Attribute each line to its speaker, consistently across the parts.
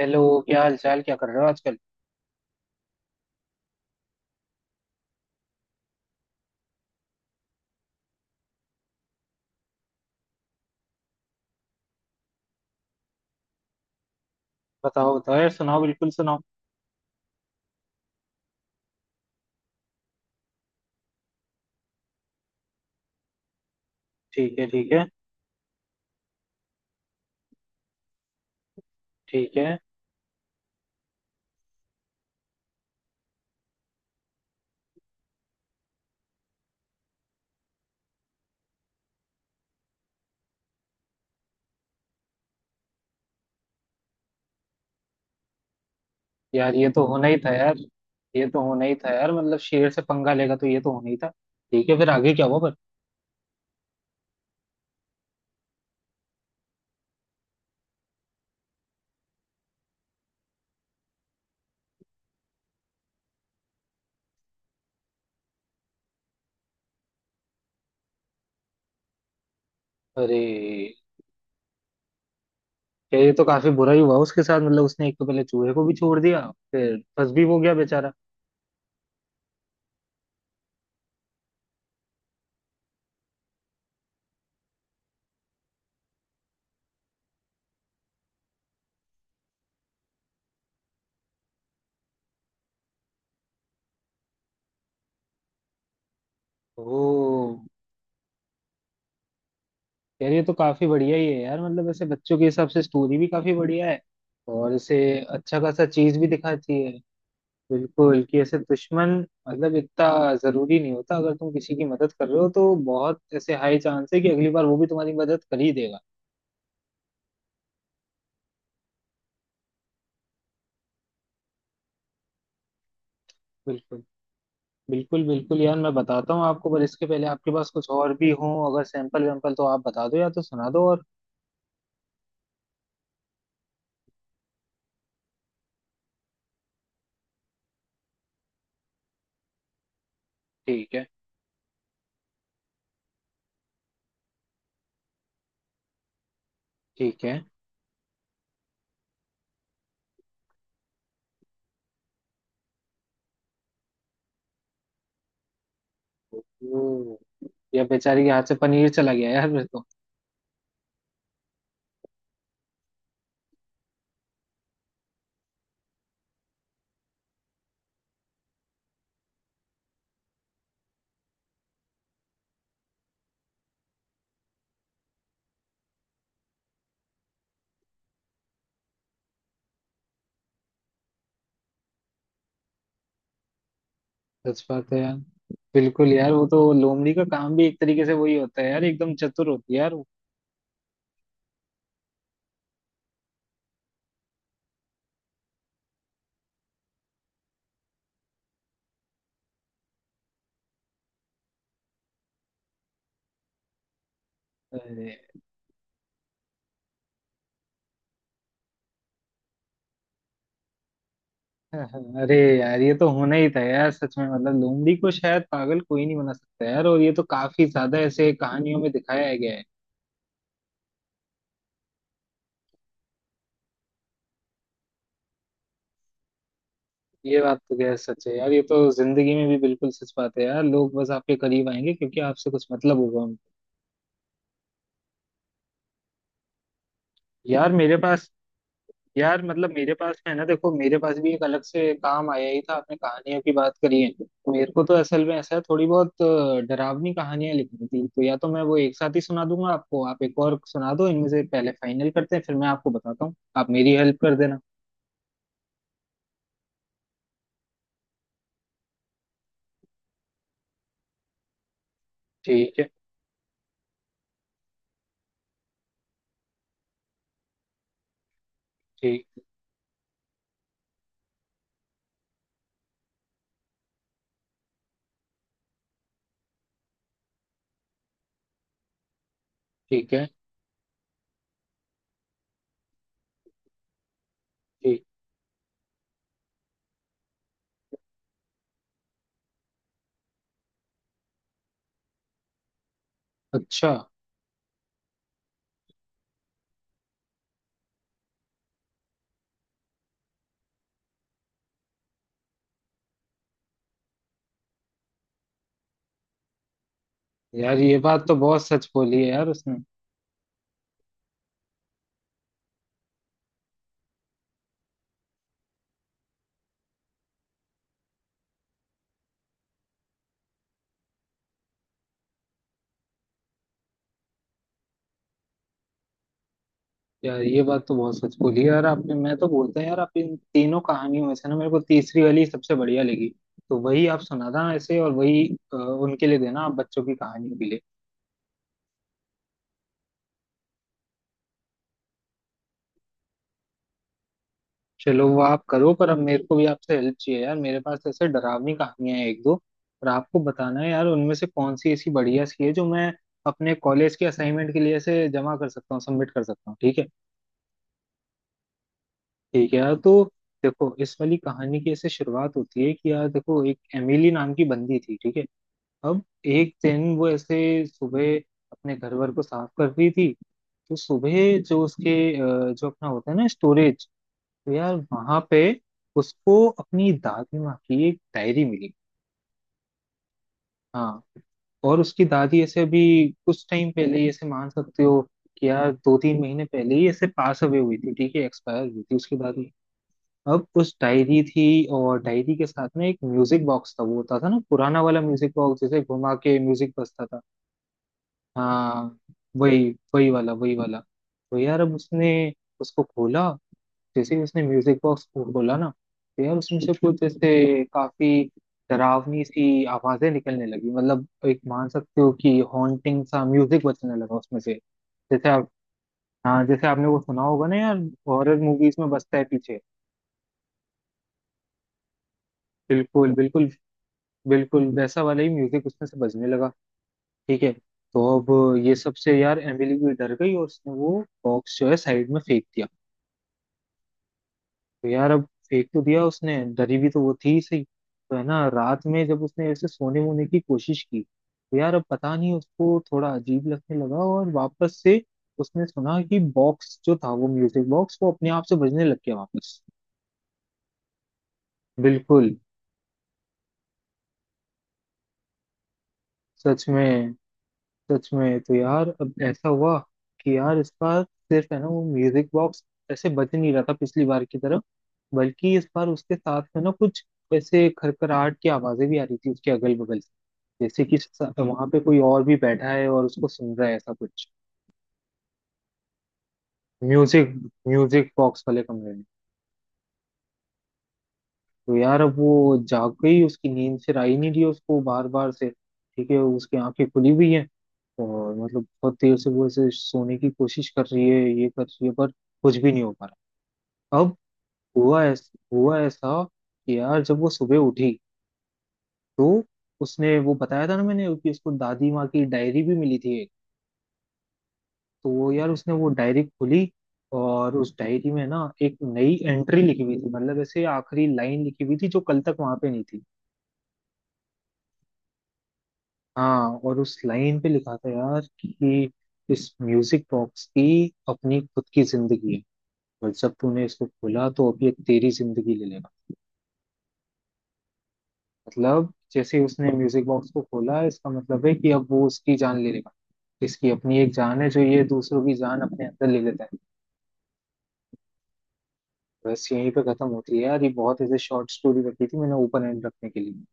Speaker 1: Hello. क्या हाल चाल, क्या कर रहे हो आजकल? बताओ बताओ यार, सुनाओ, बिल्कुल सुनाओ। ठीक है, ठीक है, ठीक है। यार, ये तो होना ही था यार। ये तो होना ही था यार, मतलब शेर से पंगा लेगा तो ये तो होना ही था। ठीक है। फिर आगे क्या हुआ पर? अरे यार, ये तो काफी बुरा ही हुआ उसके साथ, मतलब उसने एक तो पहले चूहे को भी छोड़ दिया, फिर फंस भी हो गया बेचारा। ओ! यार, ये तो काफी बढ़िया ही है यार, मतलब ऐसे बच्चों के हिसाब से स्टोरी भी काफी बढ़िया है। और इसे अच्छा खासा चीज भी दिखाती है। बिल्कुल। कि ऐसे दुश्मन, मतलब, इतना जरूरी नहीं होता, अगर तुम किसी की मदद कर रहे हो तो बहुत ऐसे हाई चांस है कि अगली बार वो भी तुम्हारी मदद कर ही देगा। बिल्कुल, बिल्कुल, बिल्कुल यार, मैं बताता हूँ आपको, पर इसके पहले आपके पास कुछ और भी हो अगर सैंपल वैम्पल, तो आप बता दो या तो सुना दो और। ठीक है, ठीक है। ओ, या बेचारी के हाथ से पनीर चला गया यार, फिर तो। सच बात है यार। बिल्कुल यार, वो तो लोमड़ी का काम भी एक तरीके से वही होता है यार, एकदम चतुर होती है यार वो। अरे, अरे यार, ये तो होना ही था यार, सच में, मतलब लोमड़ी को शायद पागल कोई नहीं बना सकता यार, और ये तो काफी ज्यादा ऐसे कहानियों में दिखाया गया है। ये बात तो गैर सच है यार, ये तो जिंदगी में भी बिल्कुल सच बात है यार। लोग बस आपके करीब आएंगे क्योंकि आपसे कुछ मतलब होगा उनको। यार मेरे पास यार, मतलब मेरे पास है ना, देखो, मेरे पास भी एक अलग से काम आया ही था। आपने कहानियों की बात करी है। मेरे को तो असल में ऐसा है, थोड़ी बहुत डरावनी कहानियां लिखनी थी, तो या तो मैं वो एक साथ ही सुना दूंगा आपको, आप एक और सुना दो। इनमें से पहले फाइनल करते हैं, फिर मैं आपको बताता हूँ, आप मेरी हेल्प कर देना। ठीक है, ठीक, ठीक है, ठीक। अच्छा। यार, ये बात तो बहुत सच बोली है यार उसने। यार, ये बात तो बहुत सच बोली यार आपने। मैं तो बोलता है यार, आप इन तीनों कहानियों में से ना मेरे को तीसरी वाली सबसे बढ़िया लगी। तो वही आप सुनाना ऐसे, और वही उनके लिए देना आप बच्चों की कहानियों के लिए। चलो वो आप करो, पर अब मेरे को भी आपसे हेल्प चाहिए यार। मेरे पास तो ऐसे डरावनी कहानियां हैं एक दो, और आपको बताना है यार उनमें से कौन सी ऐसी बढ़िया सी है जो मैं अपने कॉलेज के असाइनमेंट के लिए ऐसे जमा कर सकता हूँ, सबमिट कर सकता हूँ, ठीक है? ठीक है यार, तो देखो, इस वाली कहानी की ऐसे शुरुआत होती है कि यार देखो, एक एमिली नाम की बंदी थी, ठीक है। अब एक दिन वो ऐसे सुबह अपने घर वर को साफ कर रही थी। तो सुबह जो उसके जो अपना होता है ना स्टोरेज, तो यार वहां पे उसको अपनी दादी माँ की एक डायरी मिली। हाँ, और उसकी दादी ऐसे अभी कुछ टाइम पहले ही, ऐसे मान सकते हो कि यार 2-3 महीने पहले ही ऐसे पास अवे हुई थी, ठीक है, एक्सपायर हुई थी उसकी दादी। अब उस डायरी थी, और डायरी के साथ में एक म्यूजिक बॉक्स था। वो होता था ना, पुराना वाला म्यूजिक बॉक्स, जैसे घुमा के म्यूजिक बजता था। हाँ। वही वही वाला, वही वाला। तो यार अब उसने उसको खोला। जैसे ही उसने म्यूजिक बॉक्स को खोला ना, तो यार उसमें से कुछ जैसे काफी डरावनी सी आवाजें निकलने लगी, मतलब एक मान सकते हो कि हॉन्टिंग सा म्यूजिक बजने लगा उसमें से। जैसे आप हाँ, जैसे आपने वो सुना होगा ना यार, हॉरर मूवीज में बजता है पीछे। बिल्कुल, बिल्कुल। बिल्कुल वैसा वाला ही म्यूजिक उसमें से बजने लगा। ठीक है। तो अब ये सब से यार एमिली भी डर गई, और उसने वो बॉक्स जो है साइड में फेंक दिया। तो यार अब फेंक तो दिया उसने, डरी भी तो वो थी ही, सही तो है ना। रात में जब उसने ऐसे सोने वोने की कोशिश की, तो यार अब पता नहीं उसको थोड़ा अजीब लगने लगा, और वापस से उसने सुना कि बॉक्स जो था, वो म्यूजिक बॉक्स, वो अपने आप से बजने लग गया वापस। बिल्कुल। सच में, सच में। तो यार अब ऐसा हुआ कि यार इस बार सिर्फ है ना वो म्यूजिक बॉक्स ऐसे बज नहीं रहा था पिछली बार की तरह, बल्कि इस बार उसके साथ में ना कुछ ऐसे खरखराहट की आवाजें भी आ रही थी उसके अगल बगल से, जैसे कि वहां पे कोई और भी बैठा है और उसको सुन रहा है, ऐसा कुछ। म्यूजिक म्यूजिक बॉक्स वाले कमरे में। तो यार अब वो जाग गई, उसकी नींद फिर आई नहीं, रही उसको बार बार से, ठीक है, उसकी आंखें खुली हुई हैं, और मतलब बहुत देर से वो ऐसे सोने की कोशिश कर रही है, ये कर रही है, पर कुछ भी नहीं हो पा रहा अब। हुआ ऐसा कि यार जब वो सुबह उठी, तो उसने वो बताया था ना मैंने कि उसको दादी माँ की डायरी भी मिली थी एक। तो वो यार उसने वो डायरी खोली, और उस डायरी में ना एक नई एंट्री लिखी हुई थी, मतलब ऐसे आखिरी लाइन लिखी हुई थी जो कल तक वहां पे नहीं थी। हाँ, और उस लाइन पे लिखा था यार कि इस म्यूजिक बॉक्स की अपनी खुद की जिंदगी है, और जब तूने इसको खोला, तो अभी ये तेरी जिंदगी ले लेगा। मतलब जैसे ही उसने म्यूजिक बॉक्स को खोला, इसका मतलब है कि अब वो उसकी जान ले लेगा। इसकी अपनी एक जान है जो ये दूसरों की जान अपने अंदर ले लेता है। बस यहीं पे खत्म होती है यार ये, बहुत ऐसे शॉर्ट स्टोरी रखी थी मैंने ओपन एंड रखने के लिए।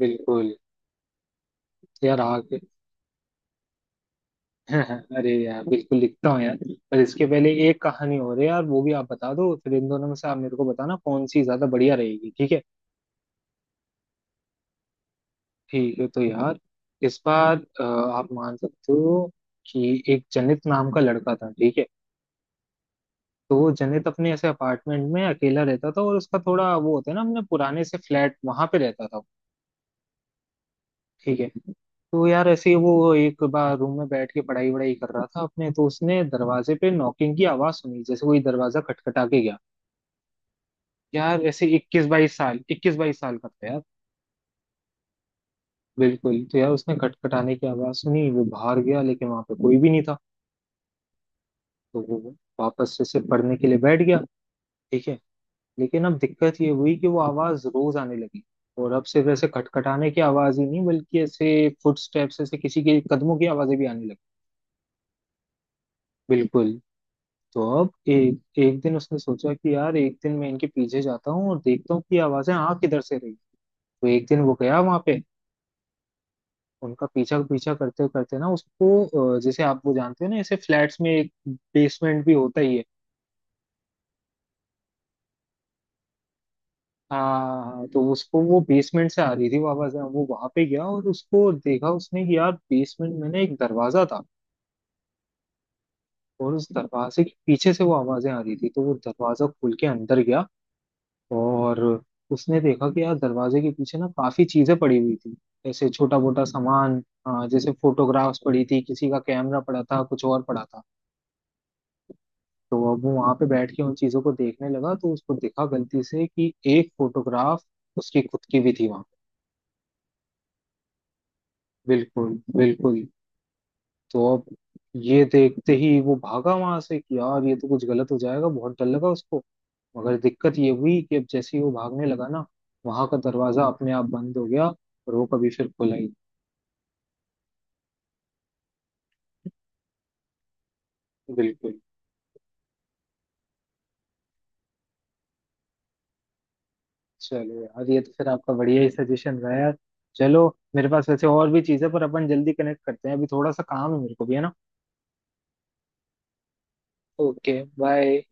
Speaker 1: बिल्कुल। यार आगे अरे यार, बिल्कुल लिखता हूँ यार। पर इसके पहले एक कहानी और है यार, वो भी आप बता दो, फिर इन दोनों में से आप मेरे को बताना कौन सी ज्यादा बढ़िया रहेगी, ठीक है? ठीक है, तो यार इस बार आप मान सकते हो कि एक जनित नाम का लड़का था, ठीक है। तो वो जनित अपने ऐसे अपार्टमेंट में अकेला रहता था, और उसका थोड़ा वो होता है ना, अपने पुराने से फ्लैट वहां पे रहता था वो। ठीक है। तो यार ऐसे ही वो एक बार रूम में बैठ के पढ़ाई वढ़ाई कर रहा था अपने, तो उसने दरवाजे पे नॉकिंग की आवाज सुनी, जैसे कोई दरवाजा खटखटा के गया। यार ऐसे 21-22 साल का था यार। बिल्कुल। तो यार उसने खटखटाने की आवाज सुनी, वो बाहर गया, लेकिन वहां पे कोई भी नहीं था। तो वो वापस से सिर्फ पढ़ने के लिए बैठ गया, ठीक है। लेकिन अब दिक्कत ये हुई कि वो आवाज रोज आने लगी, और अब सिर्फ ऐसे खटखटाने की आवाज ही नहीं, बल्कि ऐसे फुटस्टेप्स, ऐसे किसी के कदमों की आवाजें भी आने लगी। बिल्कुल। तो अब एक एक दिन उसने सोचा कि यार एक दिन मैं इनके पीछे जाता हूँ और देखता हूँ कि ये आवाजें आ किधर से रही। तो एक दिन वो गया वहां पे, उनका पीछा पीछा करते करते ना उसको जैसे आप वो जानते हो ना, ऐसे फ्लैट्स में एक बेसमेंट भी होता ही है। हाँ, तो उसको वो बेसमेंट से आ रही थी आवाज, है वो वहां पे गया और उसको देखा उसने कि यार बेसमेंट में ना एक दरवाजा था, और उस दरवाजे के पीछे से वो आवाजें आ रही थी, तो वो दरवाजा खोल के अंदर गया। और उसने देखा कि यार दरवाजे के पीछे ना काफी चीजें पड़ी हुई थी, जैसे छोटा मोटा सामान, हाँ, जैसे फोटोग्राफ्स पड़ी थी, किसी का कैमरा पड़ा था, कुछ और पड़ा था। तो अब वो वहां पे बैठ के उन चीजों को देखने लगा, तो उसको देखा गलती से कि एक फोटोग्राफ उसकी खुद की भी थी वहां। बिल्कुल, बिल्कुल। तो अब ये देखते ही वो भागा वहां से, कि यार ये तो कुछ गलत हो जाएगा, बहुत डर लगा उसको। मगर दिक्कत ये हुई कि अब जैसे ही वो भागने लगा ना, वहां का दरवाजा अपने आप बंद हो गया, और वो कभी फिर खुला ही नहीं। बिल्कुल। चलो यार, ये तो फिर आपका बढ़िया ही सजेशन रहा यार। चलो, मेरे पास वैसे और भी चीजें, पर अपन जल्दी कनेक्ट करते हैं, अभी थोड़ा सा काम है मेरे को भी, है ना। Okay bye.